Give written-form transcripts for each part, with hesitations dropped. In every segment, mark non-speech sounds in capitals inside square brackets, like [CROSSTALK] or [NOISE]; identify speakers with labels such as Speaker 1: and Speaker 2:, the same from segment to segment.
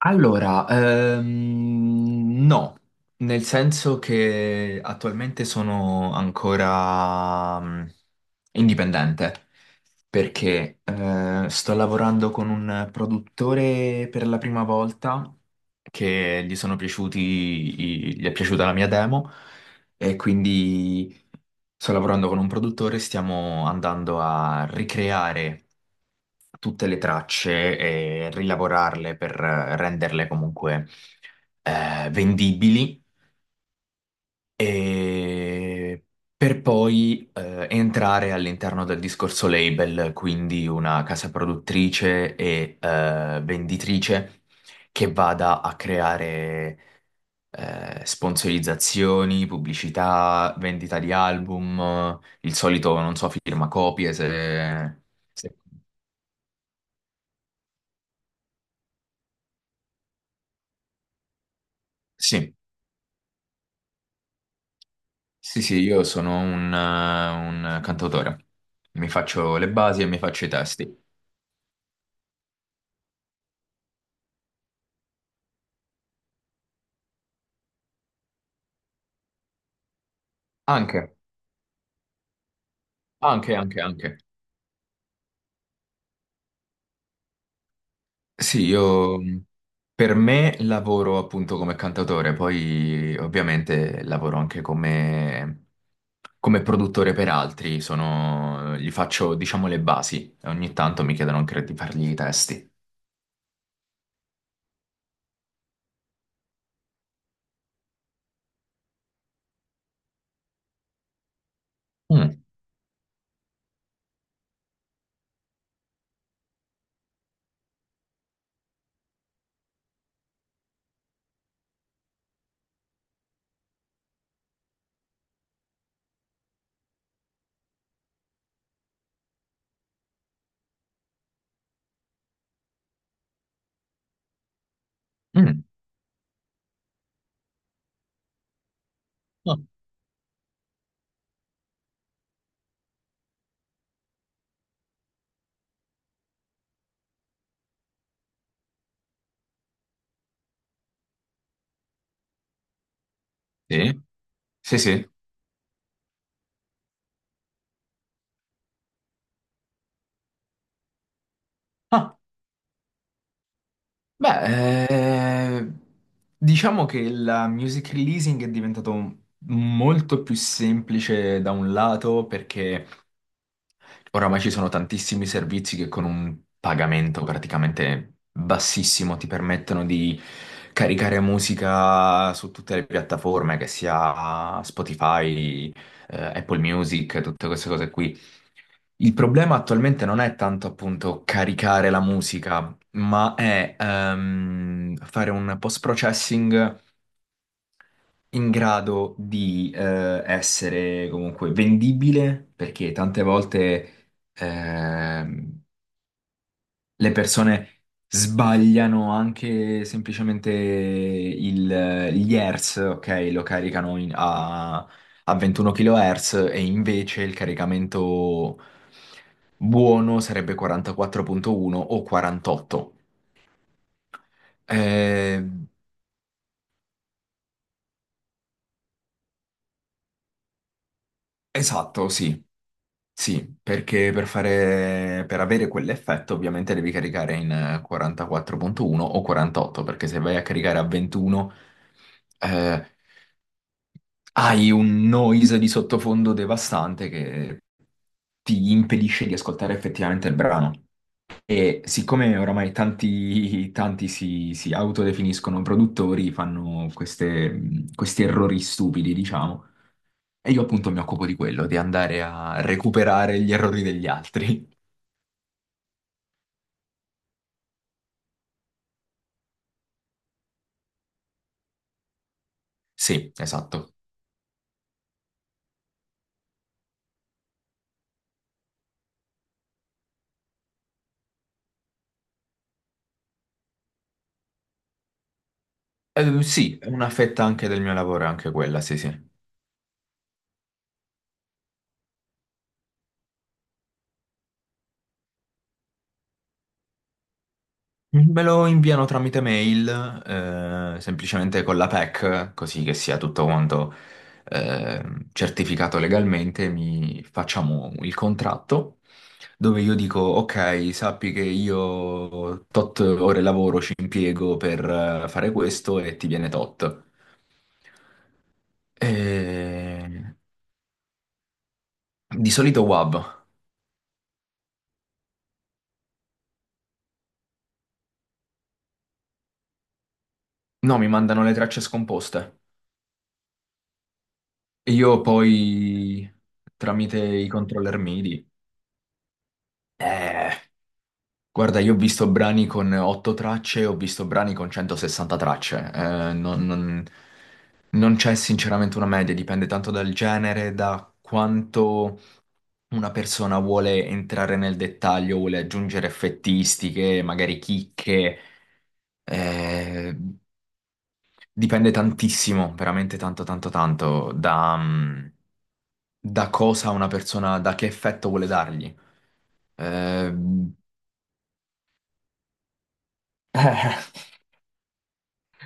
Speaker 1: Allora, no, nel senso che attualmente sono ancora indipendente, perché sto lavorando con un produttore per la prima volta, che gli sono piaciuti, gli è piaciuta la mia demo. E quindi sto lavorando con un produttore, stiamo andando a ricreare tutte le tracce e rilavorarle per renderle comunque vendibili, e per poi entrare all'interno del discorso label, quindi una casa produttrice e venditrice che vada a creare sponsorizzazioni, pubblicità, vendita di album, il solito, non so, firma copie. Se- Sì, sì, sì, io sono un cantautore. Mi faccio le basi e mi faccio i testi. Anche, anche, anche, anche. Sì, io per me lavoro appunto come cantautore, poi ovviamente lavoro anche come produttore per altri, gli faccio diciamo le basi, ogni tanto mi chiedono anche di fargli i testi. Mm, mm, no. Sì, sì, sì. Ah, beh, diciamo che la music releasing è diventato molto più semplice da un lato, perché oramai ci sono tantissimi servizi che con un pagamento praticamente bassissimo ti permettono di caricare musica su tutte le piattaforme, che sia Spotify, Apple Music, tutte queste cose qui. Il problema attualmente non è tanto appunto caricare la musica, ma è fare un post-processing in grado di essere comunque vendibile, perché tante volte. Ehm, le persone sbagliano anche semplicemente gli hertz, ok? Lo caricano a 21 kHz e invece il caricamento buono sarebbe 44.1 o 48. Eh, esatto, sì. Sì, perché per avere quell'effetto ovviamente devi caricare in 44.1 o 48, perché se vai a caricare a 21 hai un noise di sottofondo devastante che ti impedisce di ascoltare effettivamente il brano. E siccome oramai tanti, tanti si autodefiniscono produttori, fanno questi errori stupidi, diciamo. E io appunto mi occupo di quello, di andare a recuperare gli errori degli altri. [LAUGHS] Sì, esatto. Sì, è una fetta anche del mio lavoro, è anche quella, sì, sì. Me lo inviano tramite mail, semplicemente con la PEC, così che sia tutto quanto eh, certificato legalmente. Mi facciamo il contratto dove io dico, ok, sappi che io tot ore lavoro ci impiego per fare questo e ti viene tot. E. Di solito WAV. No, mi mandano le tracce scomposte. Io poi tramite i controller MIDI. Eh, Guarda, io ho visto brani con 8 tracce, ho visto brani con 160 tracce. Non c'è sinceramente una media, dipende tanto dal genere, da quanto una persona vuole entrare nel dettaglio, vuole aggiungere effettistiche, magari chicche. Eh, dipende tantissimo, veramente tanto, tanto, tanto da cosa una persona, da che effetto vuole dargli. Eh, [LAUGHS]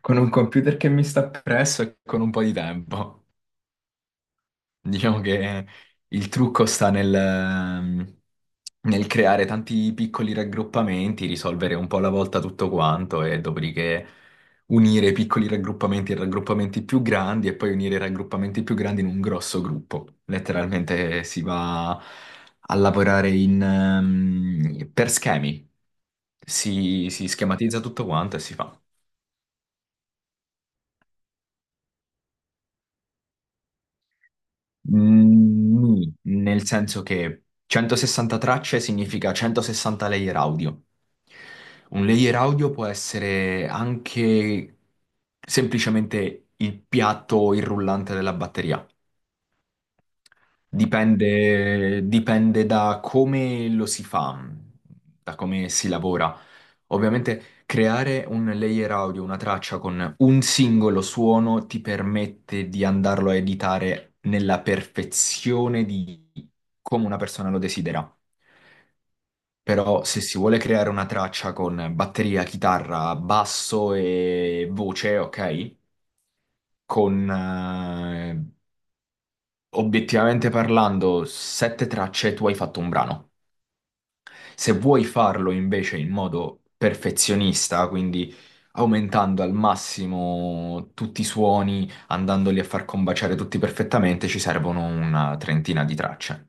Speaker 1: con un computer che mi sta presso e con un po' di tempo. Diciamo che il trucco sta nel creare tanti piccoli raggruppamenti, risolvere un po' alla volta tutto quanto e dopodiché unire i piccoli raggruppamenti in raggruppamenti più grandi e poi unire i raggruppamenti più grandi in un grosso gruppo. Letteralmente si va a lavorare per schemi, si schematizza tutto quanto e si fa. Mm, nì, nel senso che 160 tracce significa 160 layer audio. Un layer audio può essere anche semplicemente il piatto o il rullante della batteria. Dipende, dipende da come lo si fa, da come si lavora. Ovviamente creare un layer audio, una traccia con un singolo suono ti permette di andarlo a editare nella perfezione di come una persona lo desidera. Però se si vuole creare una traccia con batteria, chitarra, basso e voce, ok? Con obiettivamente parlando, sette tracce, tu hai fatto un brano. Se vuoi farlo invece in modo perfezionista, quindi aumentando al massimo tutti i suoni, andandoli a far combaciare tutti perfettamente, ci servono una trentina di tracce.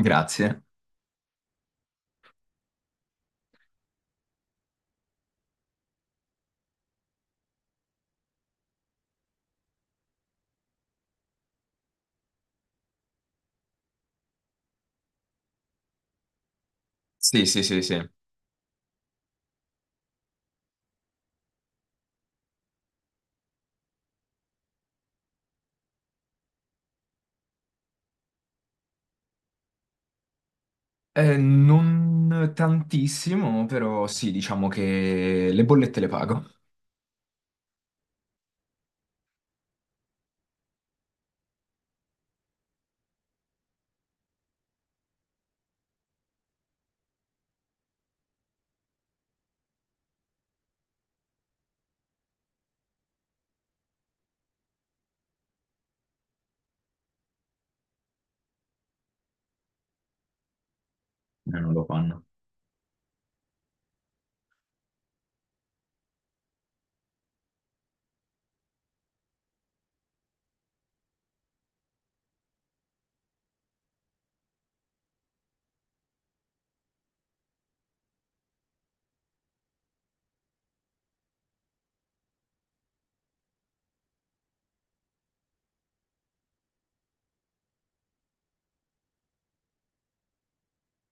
Speaker 1: Grazie. Sì, sì, sì, sì. Non tantissimo, però sì, diciamo che le bollette le pago. Non lo fanno.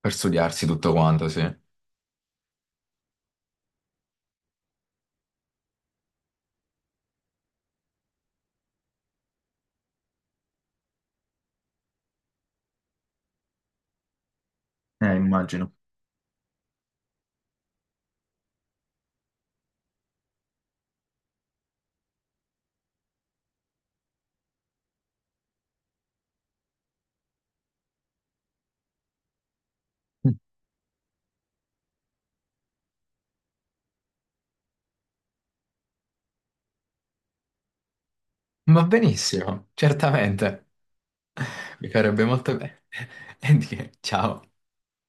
Speaker 1: Per studiarsi tutto quanto, sì. Immagino. Va benissimo, certamente. Mi farebbe molto bene. [LAUGHS] E di che, ciao.